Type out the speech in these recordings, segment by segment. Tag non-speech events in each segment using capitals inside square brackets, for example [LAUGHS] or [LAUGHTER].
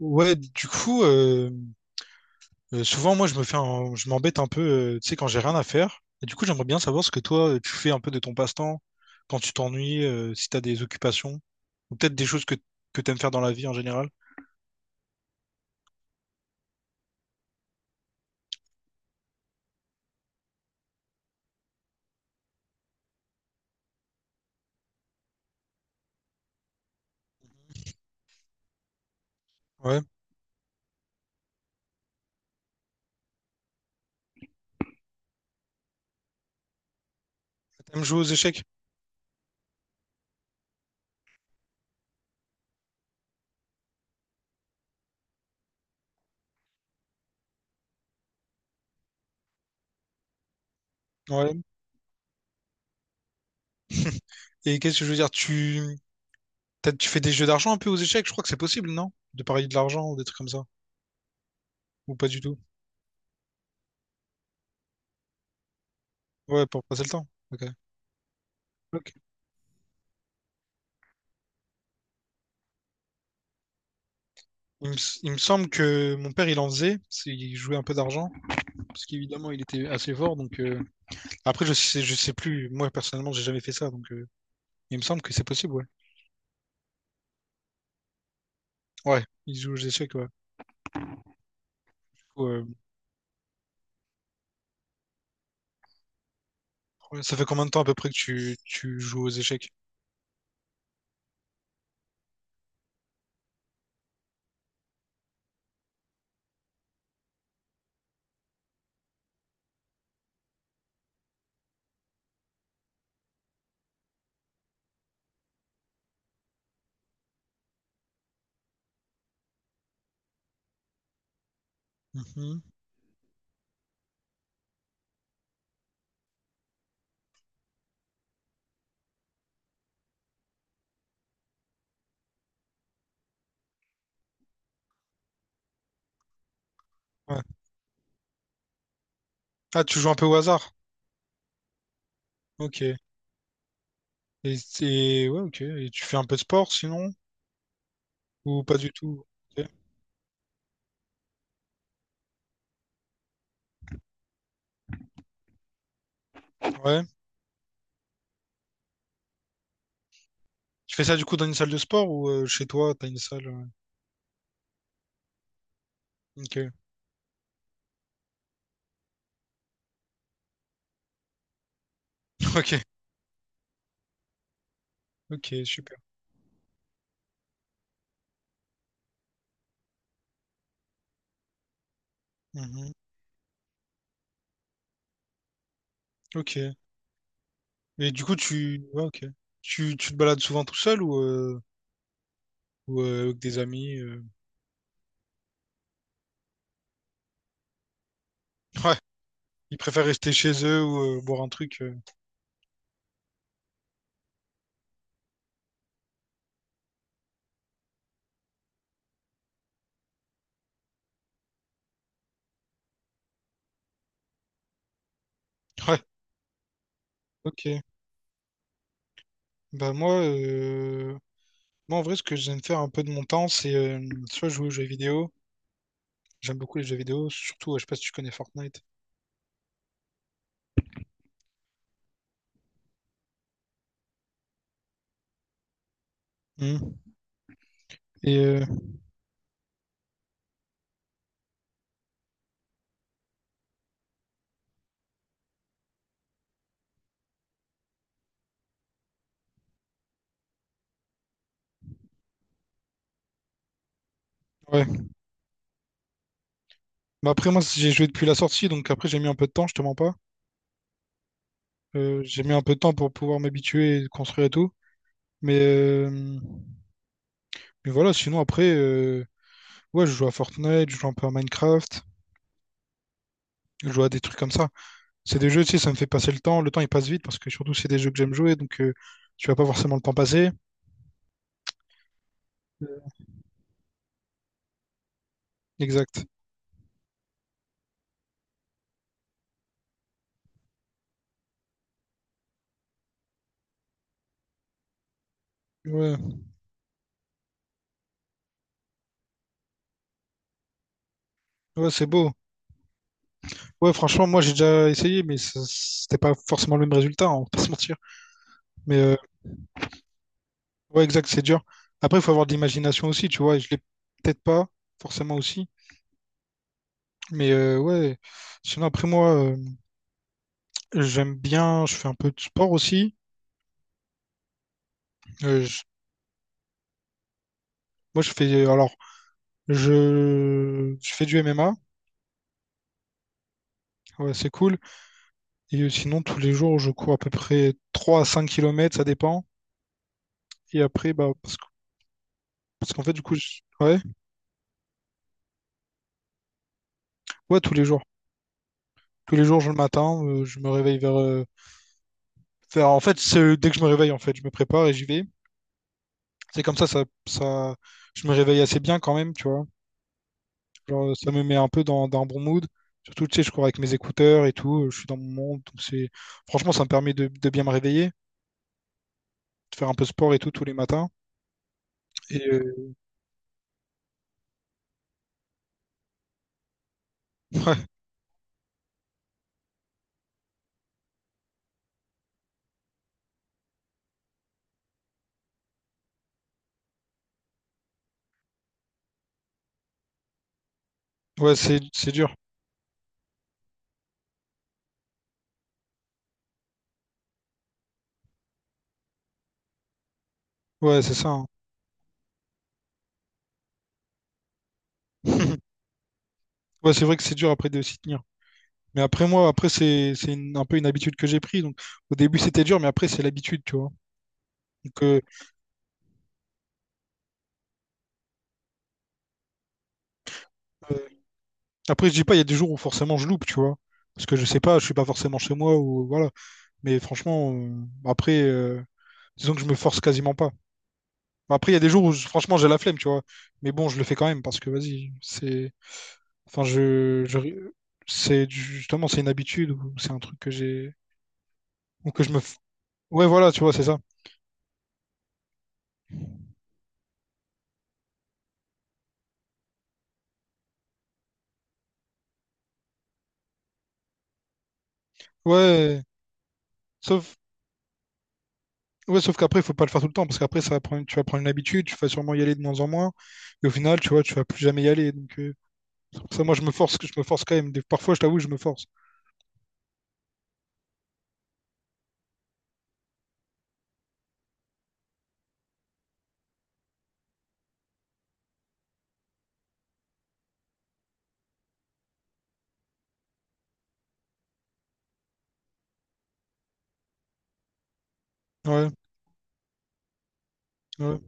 Ouais, du coup, souvent moi je me fais je m'embête un peu, tu sais, quand j'ai rien à faire. Et du coup, j'aimerais bien savoir ce que toi tu fais un peu de ton passe-temps quand tu t'ennuies, si t'as des occupations, ou peut-être des choses que t'aimes faire dans la vie en général. Ouais. T'aimes jouer aux échecs? Ouais. Et qu'est-ce que je veux dire? Tu Peut-être tu fais des jeux d'argent un peu aux échecs, je crois que c'est possible, non? De parier de l'argent ou des trucs comme ça. Ou pas du tout? Ouais, pour passer le temps. Ok. Ok. Il me semble que mon père, il en faisait. Il jouait un peu d'argent. Parce qu'évidemment, il était assez fort. Donc, après, je sais plus. Moi, personnellement, j'ai jamais fait ça. Donc, il me semble que c'est possible, ouais. Ouais, il joue aux échecs, ouais. Ouais, ouais. Ça fait combien de temps à peu près que tu joues aux échecs? Mhm. Ouais. Ah, tu joues un peu au hasard? Ok. Et, ouais, ok. Et tu fais un peu de sport sinon? Ou pas du tout? Ok. Ouais. Tu fais ça du coup dans une salle de sport ou chez toi, t'as une salle? Ok. [LAUGHS] Ok. Ok, super. Mhm. Ok. Et du coup, ouais, ok. Tu te balades souvent tout seul, ou avec des amis? Ouais, ils préfèrent rester chez eux ou boire un truc. Ouais, ok. Bah moi, en vrai, ce que j'aime faire un peu de mon temps, c'est soit jouer aux jeux vidéo. J'aime beaucoup les jeux vidéo, surtout, je sais pas si tu connais Fortnite. Mhm. Et ouais. Bah après, moi, j'ai joué depuis la sortie, donc après, j'ai mis un peu de temps, je te mens pas. J'ai mis un peu de temps pour pouvoir m'habituer et construire et tout. Mais... euh, Mais voilà, sinon après, ouais, je joue à Fortnite, je joue un peu à Minecraft, je joue à des trucs comme ça. C'est des jeux, tu sais, ça me fait passer le temps. Le temps, il passe vite parce que surtout, c'est des jeux que j'aime jouer, donc tu vas pas forcément le temps passer. Exact. Ouais, ouais, c'est beau. Ouais, franchement, moi, j'ai déjà essayé, mais c'était pas forcément le même résultat, hein, on va pas se mentir. Mais ouais, exact, c'est dur. Après, il faut avoir de l'imagination aussi, tu vois, et je l'ai peut-être pas forcément aussi. Mais ouais, sinon, après, moi, j'aime bien, je fais un peu de sport aussi. Euh, je- Moi, je fais, alors, je fais du MMA, ouais, c'est cool. Et sinon, tous les jours, je cours à peu près 3 à 5 kilomètres, ça dépend. Et après, bah, parce qu'en fait, du coup, ouais, ouais, tous les jours. Tous les jours, je le matin, je me réveille en fait, c'est dès que je me réveille, en fait, je me prépare et j'y vais. C'est comme ça, je me réveille assez bien quand même, tu vois. Genre, ça me met un peu dans un bon mood. Surtout, tu sais, je cours avec mes écouteurs et tout, je suis dans mon monde. Franchement, ça me permet de bien me réveiller, de faire un peu de sport et tout tous les matins. Et, euh, [LAUGHS] Ouais, c'est dur. Ouais, c'est ça, hein. [LAUGHS] Ouais, c'est vrai que c'est dur après de s'y tenir. Mais après moi, après c'est un peu une habitude que j'ai prise. Donc au début c'était dur, mais après c'est l'habitude, tu vois. Donc après je dis pas, il y a des jours où forcément je loupe, tu vois, parce que je sais pas, je suis pas forcément chez moi ou voilà. Mais franchement, après disons que je me force quasiment pas. Après il y a des jours où franchement j'ai la flemme, tu vois. Mais bon, je le fais quand même parce que vas-y, c'est, enfin, je c'est justement, c'est une habitude, ou c'est un truc que j'ai, ou que ouais, voilà, tu vois, c'est ça. Ouais, sauf, ouais, sauf qu'après, il faut pas le faire tout le temps, parce qu'après, ça va prendre, tu vas prendre une habitude, tu vas sûrement y aller de moins en moins, et au final, tu vois, tu vas plus jamais y aller. Donc, c'est pour ça, moi, je me force quand même. Parfois, je t'avoue, je me force. Ouais, ouais,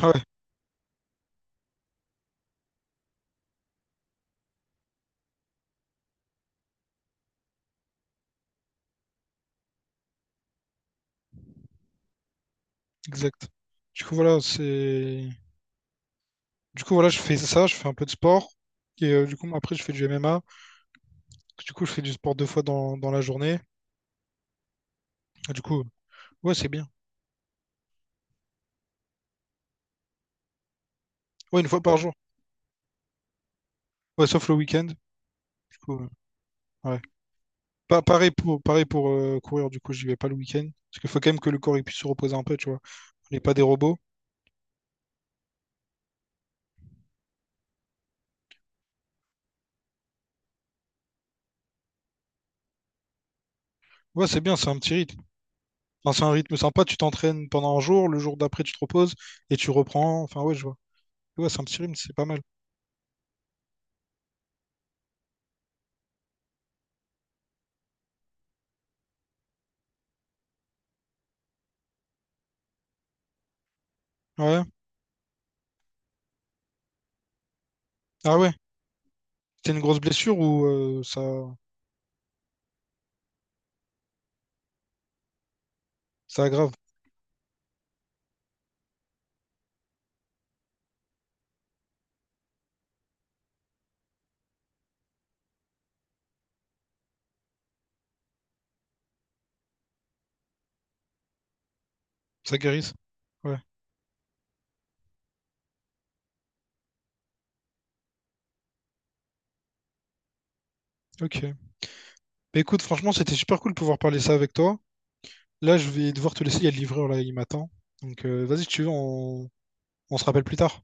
ah ouais, exact. Du coup, voilà, c'est. Du coup, voilà, je fais ça, je fais un peu de sport. Et du coup, après, je fais du MMA. Du coup, je fais du sport deux fois dans la journée. Et du coup, ouais, c'est bien. Ouais, une fois par jour. Ouais, sauf le week-end. Du coup, ouais. Pareil pour courir, du coup, j'y vais pas le week-end. Parce qu'il faut quand même que le corps il puisse se reposer un peu, tu vois. On n'est pas des robots. Ouais, c'est bien, c'est un petit rythme. Enfin, c'est un rythme sympa, tu t'entraînes pendant un jour, le jour d'après, tu te reposes et tu reprends. Enfin, ouais, je vois. Ouais, c'est un petit rythme, c'est pas mal. Ouais. Ah ouais. C'était une grosse blessure ou ça, ça aggrave, ça guérisse? Ouais. Ok. Bah, écoute, franchement, c'était super cool de pouvoir parler ça avec toi. Là, je vais devoir te laisser, il y a le livreur là, il m'attend. Donc, vas-y, si tu veux, on se rappelle plus tard.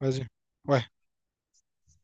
Vas-y. Ouais.